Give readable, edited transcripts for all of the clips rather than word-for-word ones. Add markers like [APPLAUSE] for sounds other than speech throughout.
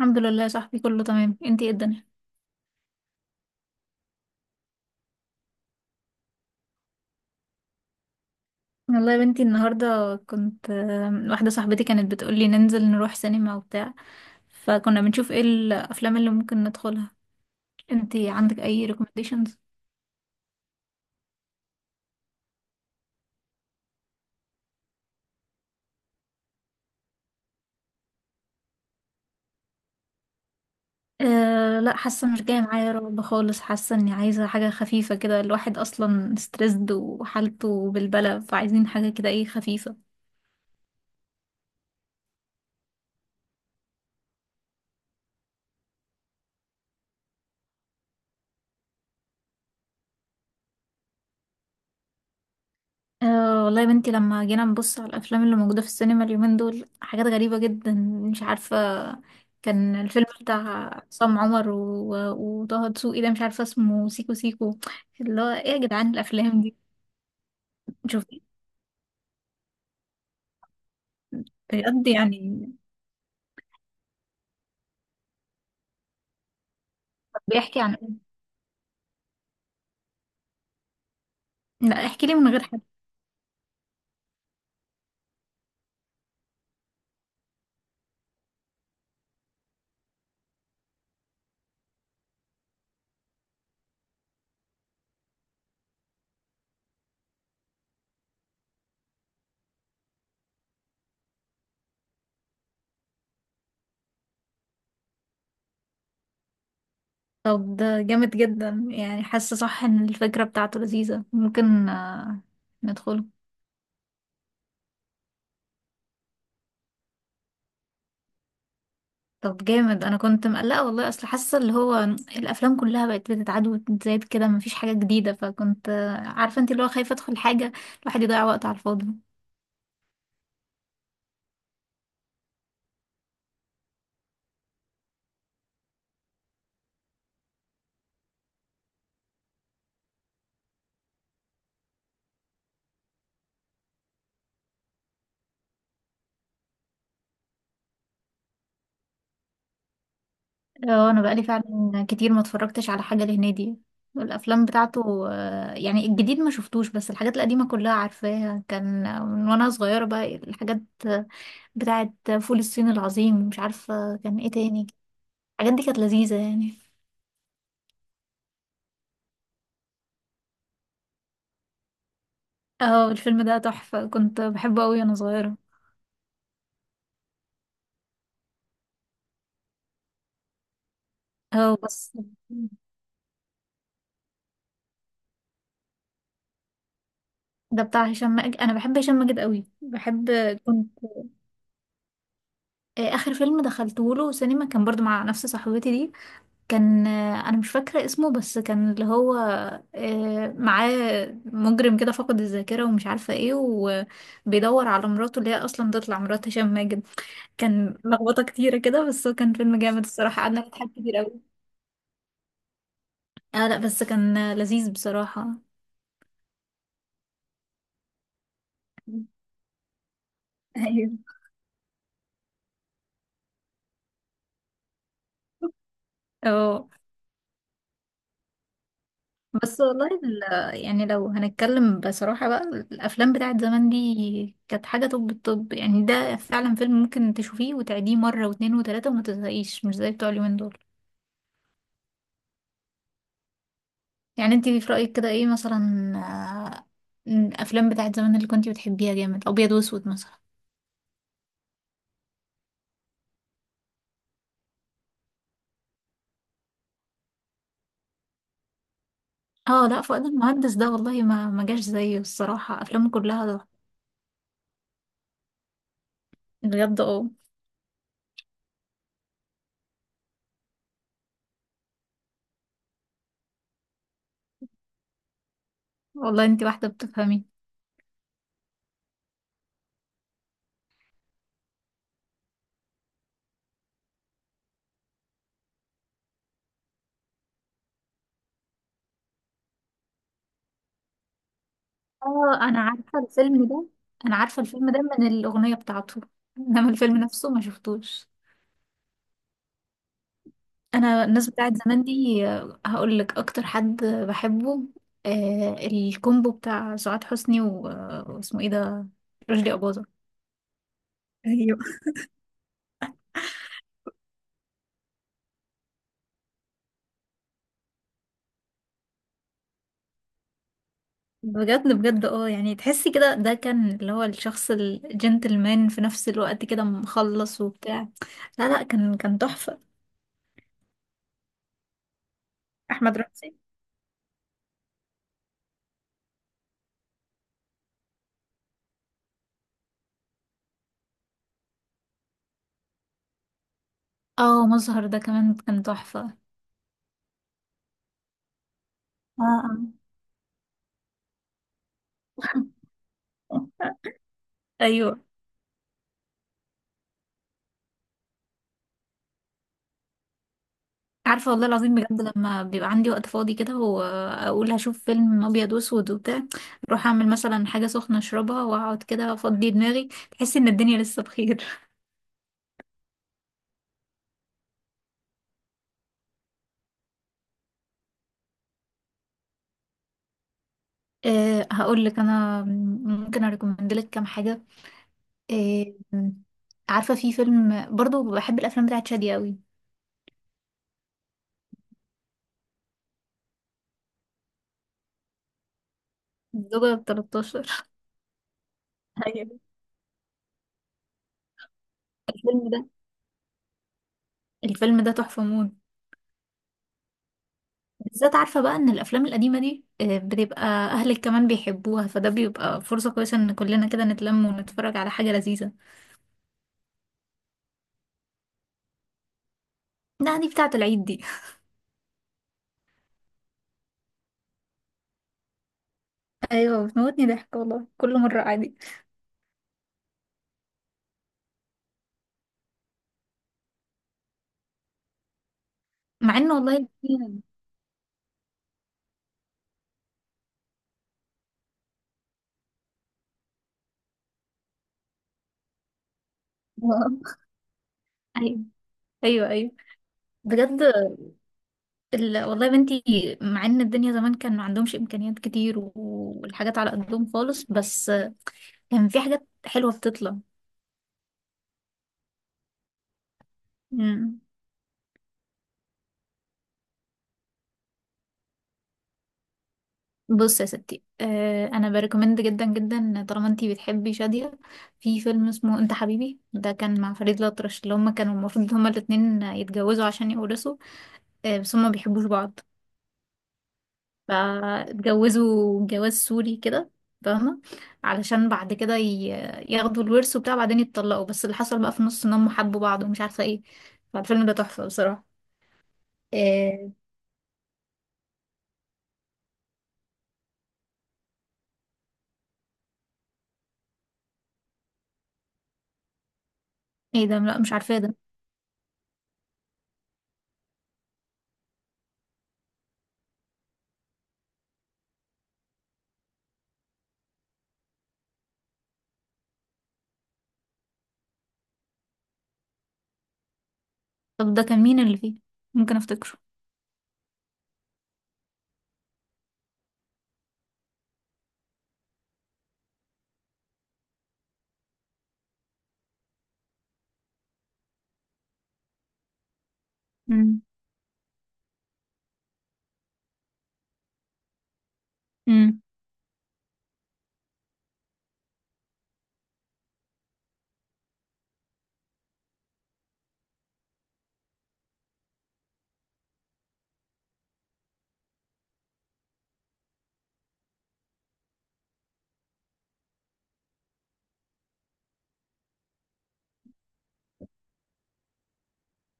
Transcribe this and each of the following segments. الحمد لله يا صاحبي، كله تمام. انتي ايه الدنيا؟ والله يا بنتي النهارده كنت واحده صاحبتي كانت بتقولي ننزل نروح سينما وبتاع، فكنا بنشوف ايه الافلام اللي ممكن ندخلها. انتي عندك اي recommendations؟ أه لا، حاسه مش جايه معايا رعب خالص، حاسه اني عايزه حاجه خفيفه كده. الواحد اصلا ستريسد وحالته بالبلى، فعايزين حاجه كده ايه خفيفه. أه والله يا بنتي، لما جينا نبص على الافلام اللي موجوده في السينما اليومين دول حاجات غريبه جدا، مش عارفه. كان الفيلم بتاع عصام عمر وطه دسوقي ده، مش عارفه اسمه، سيكو سيكو. اللي هو ايه يا جدعان الافلام دي؟ شوفي، بجد يعني. طب بيحكي عن إيه؟ لا احكي لي من غير حد. طب ده جامد جدا يعني، حاسه صح ان الفكره بتاعته لذيذه، ممكن ندخله. طب جامد، انا كنت مقلقه والله، اصل حاسه اللي هو الافلام كلها بقت بتتعاد وتتزايد كده، مفيش حاجه جديده، فكنت عارفه انت اللي هو خايفه ادخل حاجه الواحد يضيع وقت على الفاضي. اه انا بقالي فعلا كتير ما اتفرجتش على حاجه لهنيدي. الافلام بتاعته يعني الجديد ما شفتوش، بس الحاجات القديمه كلها عارفاها، كان من وانا صغيره بقى الحاجات بتاعه. فول الصين العظيم، مش عارفه كان ايه تاني. الحاجات دي كانت لذيذه يعني. اه الفيلم ده تحفه، كنت بحبه قوي وانا صغيره. اه بس ده بتاع هشام ماجد. انا بحب هشام ماجد قوي، بحب. كنت اخر فيلم دخلته له سينما كان برضو مع نفس صاحبتي دي. كان انا مش فاكره اسمه، بس كان اللي هو معاه مجرم كده، فقد الذاكره ومش عارفه ايه، وبيدور على مراته اللي هي اصلا تطلع مرات هشام ماجد. كان لخبطه كتيره كده، بس هو كان فيلم جامد الصراحه، قعدنا نضحك كتير قوي. اه لا، بس كان لذيذ بصراحه. [LAUGHS] ايوه. اه بس والله يعني لو هنتكلم بصراحة بقى، الأفلام بتاعت زمان دي كانت حاجة. طب الطب يعني ده فعلا فيلم ممكن تشوفيه وتعيديه مرة واتنين وتلاتة وما تزهقيش، مش زي بتوع اليومين دول. يعني انتي في رأيك كده ايه مثلا، آه، الأفلام بتاعت زمان اللي كنتي بتحبيها جامد، أبيض وأسود مثلا؟ اه لا، فؤاد المهندس ده والله ما جاش زيه الصراحة، أفلامه كلها بجد. اه والله انتي واحدة بتفهمي. اه انا عارفه الفيلم ده من الاغنيه بتاعته، انما الفيلم نفسه ما شفتوش. انا الناس بتاعت زمان دي هقول لك اكتر حد بحبه، آه الكومبو بتاع سعاد حسني و... واسمه ايه ده، رشدي اباظه. ايوه، بجد بجد اه، يعني تحسي كده ده كان اللي هو الشخص الجنتلمان في نفس الوقت كده، مخلص وبتاع. لا لا، كان كان تحفه. احمد رمزي. اه، مظهر ده كمان كان تحفه. اه [LAUGHS] ايوه. عارفة والله العظيم بجد، لما بيبقى عندي وقت فاضي كده وأقول هشوف فيلم أبيض وأسود وبتاع، أروح أعمل مثلا حاجة سخنة أشربها وأقعد كده أفضي دماغي، تحس إن الدنيا لسه بخير. [LAUGHS] أه هقول لك أنا، ممكن أريكومند لك كام حاجة. أه، عارفة في فيلم برضو بحب الأفلام بتاعت شادية أوي، الزوجة ب 13. ايوه، الفيلم ده الفيلم ده تحفة موت. بالذات عارفة بقى ان الافلام القديمة دي بتبقى اهلك كمان بيحبوها، فده بيبقى فرصة كويسة ان كلنا كده نتلم ونتفرج على حاجة لذيذة. لا دي بتاعة العيد دي. [LAUGHS] ايوه بتموتني ضحك والله، كل مرة عادي، مع ان والله [LAUGHS] ايوه ايوه ايوه بجد. ال... والله يا بنتي، مع ان الدنيا زمان كان ما عندهمش امكانيات كتير والحاجات على قدهم خالص، بس كان في حاجات حلوة بتطلع. مم. بص يا ستي، آه انا بريكومند جدا جدا، طالما انتي بتحبي شادية، في فيلم اسمه انت حبيبي، ده كان مع فريد الأطرش، اللي هما كانوا المفروض هما الاتنين يتجوزوا عشان يورثوا، آه بس هما ما بيحبوش بعض، فاتجوزوا جواز سوري كده، فاهمة، علشان بعد كده ياخدوا الورث وبتاع، بعدين يتطلقوا، بس اللي حصل بقى في النص ان هم حبوا بعض ومش عارفة ايه، فالفيلم ده تحفة بصراحة. آه. ايه ده، لا مش عارفاه ده. طب ده كان مين اللي فيه، ممكن افتكره؟ امم.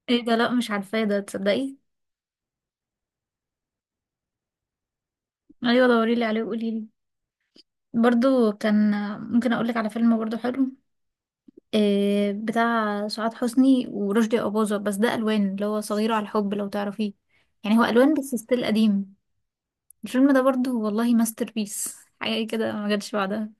ايه ده، لا مش عارفاه ده تصدقي. ايوه دوريلي عليه وقوليلي. برضو كان، ممكن اقولك على فيلم برضو حلو، إيه بتاع سعاد حسني ورشدي أباظة، بس ده الوان، اللي هو صغير على الحب، لو تعرفيه. يعني هو الوان بس ستيل قديم. الفيلم ده برضو والله ماستر بيس، حاجه كده ما جاتش بعدها.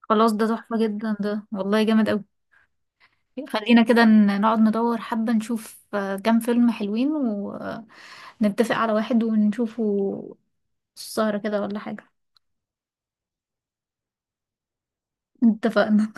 خلاص ده تحفه جدا ده والله، جامد قوي. خلينا كده نقعد ندور حبه، نشوف كام فيلم حلوين ونتفق على واحد ونشوفه السهرة كده، ولا حاجة؟ اتفقنا.